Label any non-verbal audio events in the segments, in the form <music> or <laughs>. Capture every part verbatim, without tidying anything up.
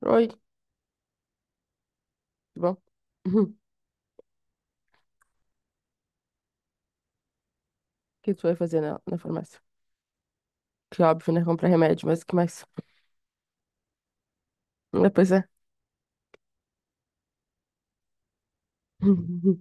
Oi, tudo bom? Uhum. O que tu vai fazer na, na farmácia? Que óbvio, né? Comprar remédio, mas o que mais? Ah, pois é. <laughs>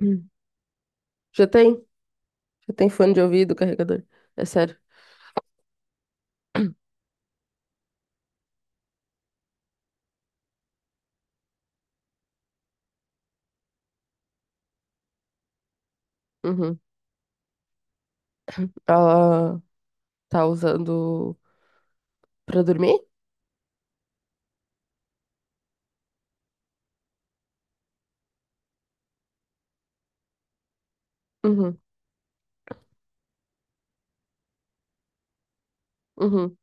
Uhum. Já tem? Já tem fone de ouvido, carregador. É sério. <clears throat> Uhum. Ela tá usando pra dormir? Uhum, uhum,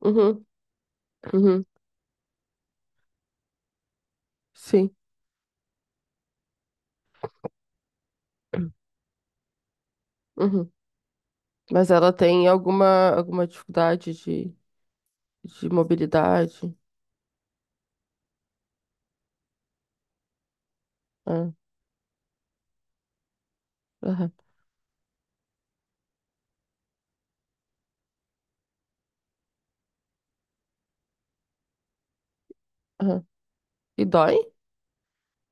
uhum, uhum. Sim. Uhum. Mas ela tem alguma, alguma dificuldade de, de mobilidade? Ah, aham, aham. E dói?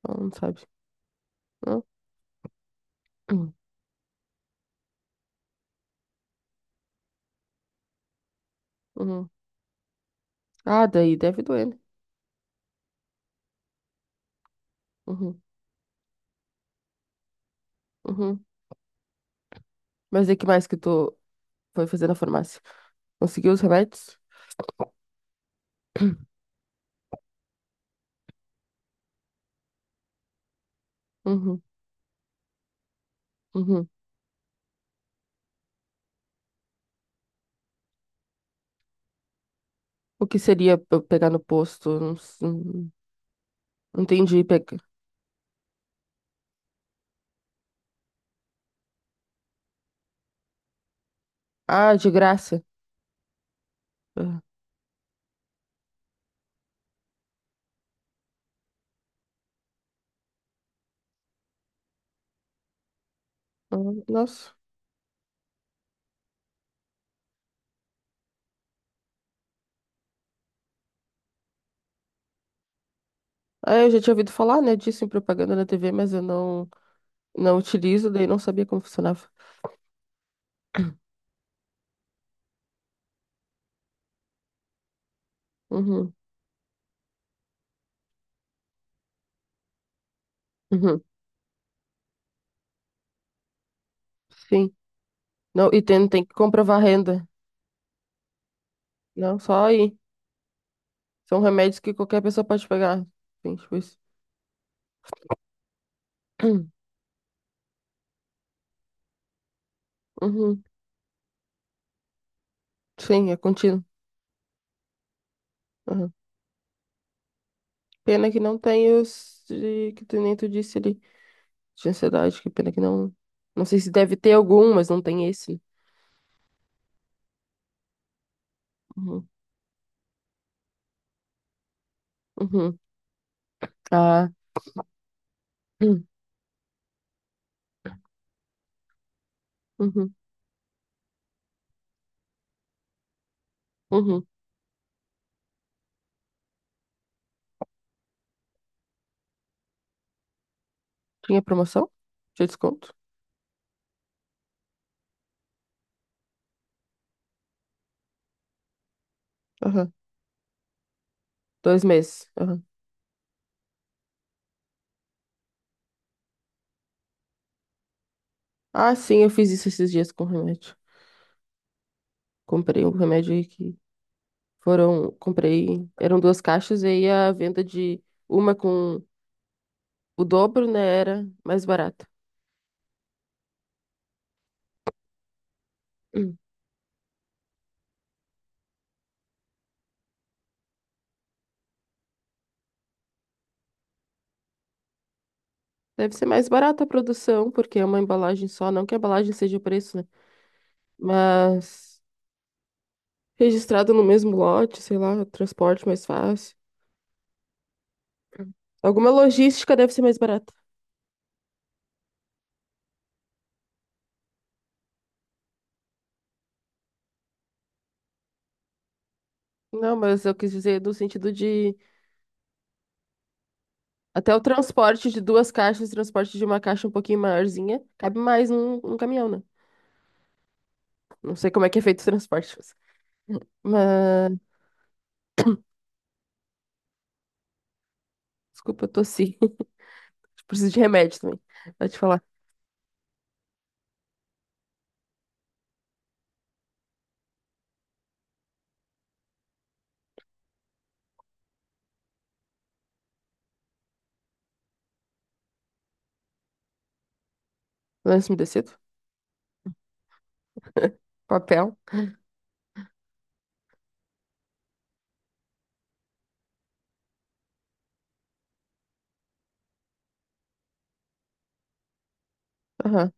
Ela não sabe. Não? Uhum. Uhum. Ah, daí deve doer, né? Uhum, uhum. Mas e que mais que tu foi fazer na farmácia? Conseguiu os remédios? <clears throat> Uhum, uhum. O que seria pra eu pegar no posto? Não, s- não entendi. Pega... Ah, de graça. Ah, ah, nossa. Ah, eu já tinha ouvido falar, né, disso em propaganda na T V, mas eu não, não utilizo, daí não sabia como funcionava. Uhum, uhum. Sim. Não, e tem, tem que comprovar a renda. Não, só aí. São remédios que qualquer pessoa pode pegar. Sim, tipo isso. <clears throat> Uhum. Sim, é contínuo. Pena que não tem os de- que tu nem tu disse ali, de ansiedade, que pena que não. Não sei se deve ter algum, mas não tem esse. Uhum. Uhum. Ah. Hum. Uhum. Uhum. Tinha promoção? Tinha desconto? Aham. Dois meses. Aham. Ah, sim, eu fiz isso esses dias com remédio. Comprei um remédio aí que foram. Comprei. Eram duas caixas e aí a venda de uma com o dobro, né? Era mais barata. Hum. Deve ser mais barata a produção, porque é uma embalagem só, não que a embalagem seja o preço, né? Mas registrado no mesmo lote, sei lá, transporte mais fácil. Alguma logística deve ser mais barata. Não, mas eu quis dizer no sentido de até o transporte de duas caixas, transporte de uma caixa um pouquinho maiorzinha, cabe mais num, num caminhão, né? Não sei como é que é feito o transporte. Mas, mas- desculpa, eu tossi. <laughs> Preciso de remédio também. Vou te falar. Lenço umedecido? Papel? Aham,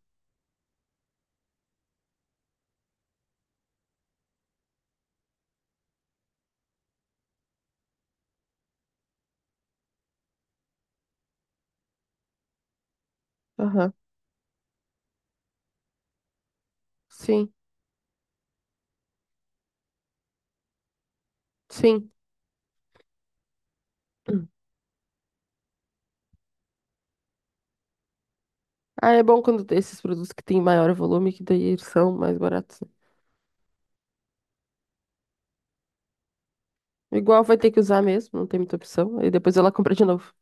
aham. Sim, sim. <clears throat> Hum. Ah, é bom quando tem esses produtos que têm maior volume, que daí eles são mais baratos, né? Igual vai ter que usar mesmo, não tem muita opção. Aí depois ela compra de novo.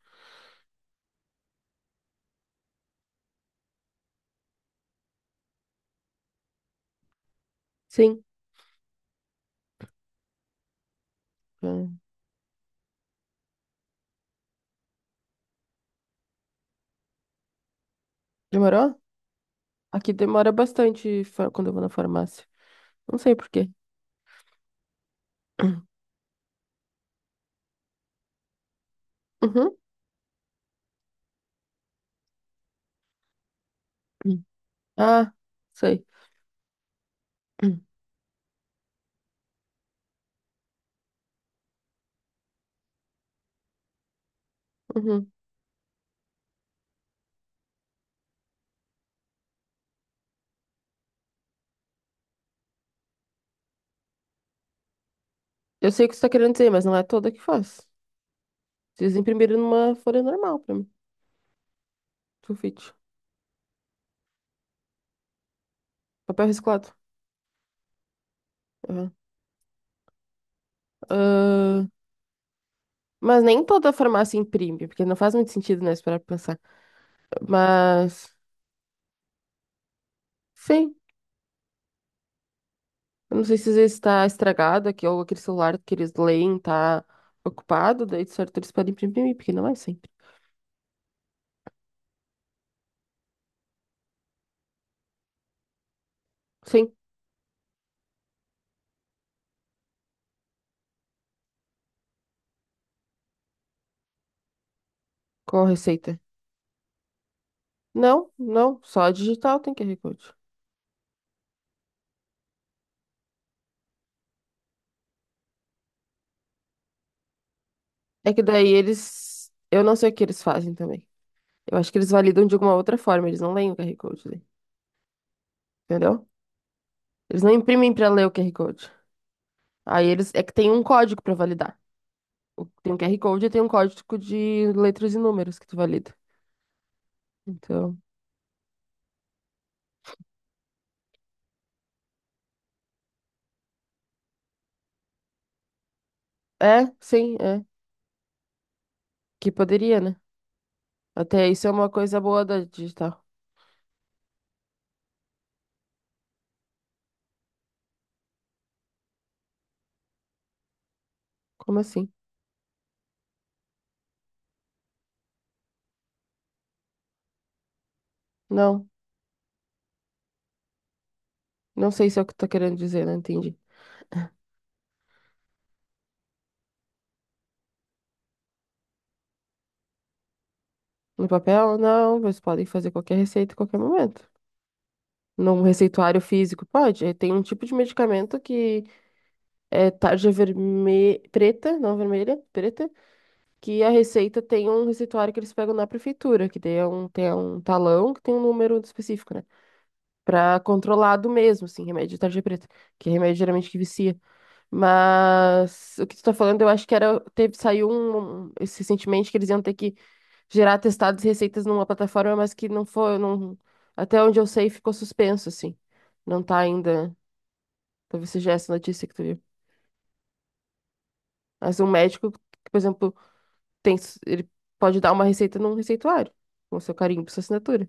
Sim. É. Demorou? Aqui demora bastante fa- quando eu vou na farmácia. Não sei por quê. <clears throat> Uhum. Ah, sei. <clears throat> Uhum. Eu sei o que você tá querendo dizer, mas não é toda que faz. Vocês imprimiram numa folha normal pra mim. Sulfite. Papel reciclado. Uhum. Ah, mas nem toda farmácia imprime, porque não faz muito sentido, né? Esperar pra pensar. Mas. Sim. Eu não sei se às vezes está estragado aqui, ou aquele celular que eles leem tá ocupado, daí de certo eles podem imprimir, porque não é sempre. Sim, com a receita. Não, não, só digital tem Q R Code. É que daí eles. Eu não sei o que eles fazem também. Eu acho que eles validam de alguma outra forma, eles não leem o Q R Code, daí, entendeu? Eles não imprimem para ler o Q R Code. Aí eles. É que tem um código para validar. O- Tem um Q R Code e tem um código de letras e números que tu valida. Então. É, sim, é. Que poderia, né? Até isso é uma coisa boa da digital. Como assim? Não, não sei se é o que tu tá querendo dizer, não entendi. No papel, não, vocês podem fazer qualquer receita em qualquer momento. Num receituário físico, pode. Eh, tem um tipo de medicamento que é tarja vermelha, preta, não vermelha, preta, que a receita tem um receituário que eles pegam na prefeitura, que daí é um, tem um talão que tem um número específico, né? Pra controlado mesmo, assim, remédio de tarja preta, que é remédio geralmente que vicia. Mas o que tu tá falando, eu acho que era, teve, saiu um, um- esse- recentemente que eles iam ter que gerar testados e receitas numa plataforma, mas que não foi, não, até onde eu sei, ficou suspenso, assim. Não tá ainda, talvez seja essa notícia que tu viu. Mas um médico, que, por exemplo, tem, s- ele pode dar uma receita num receituário, com seu carimbo, sua assinatura.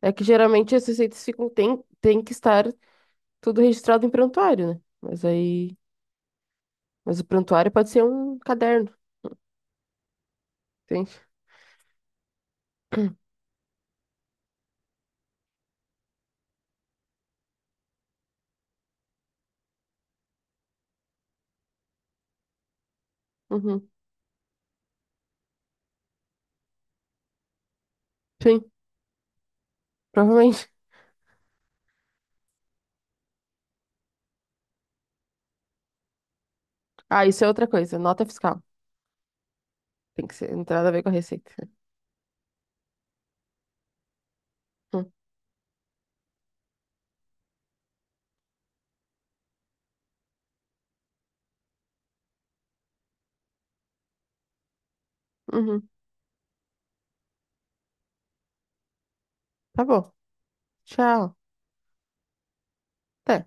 É que geralmente as receitas ficam, tem, tem que estar tudo registrado em prontuário, né? Mas aí, mas o prontuário pode ser um caderno, entende? Uhum. Sim, provavelmente. Ah, isso é outra coisa. Nota fiscal. Tem que ser, não tem nada a ver com a receita. Hum, Uhum. Tá bom. Tchau. Até.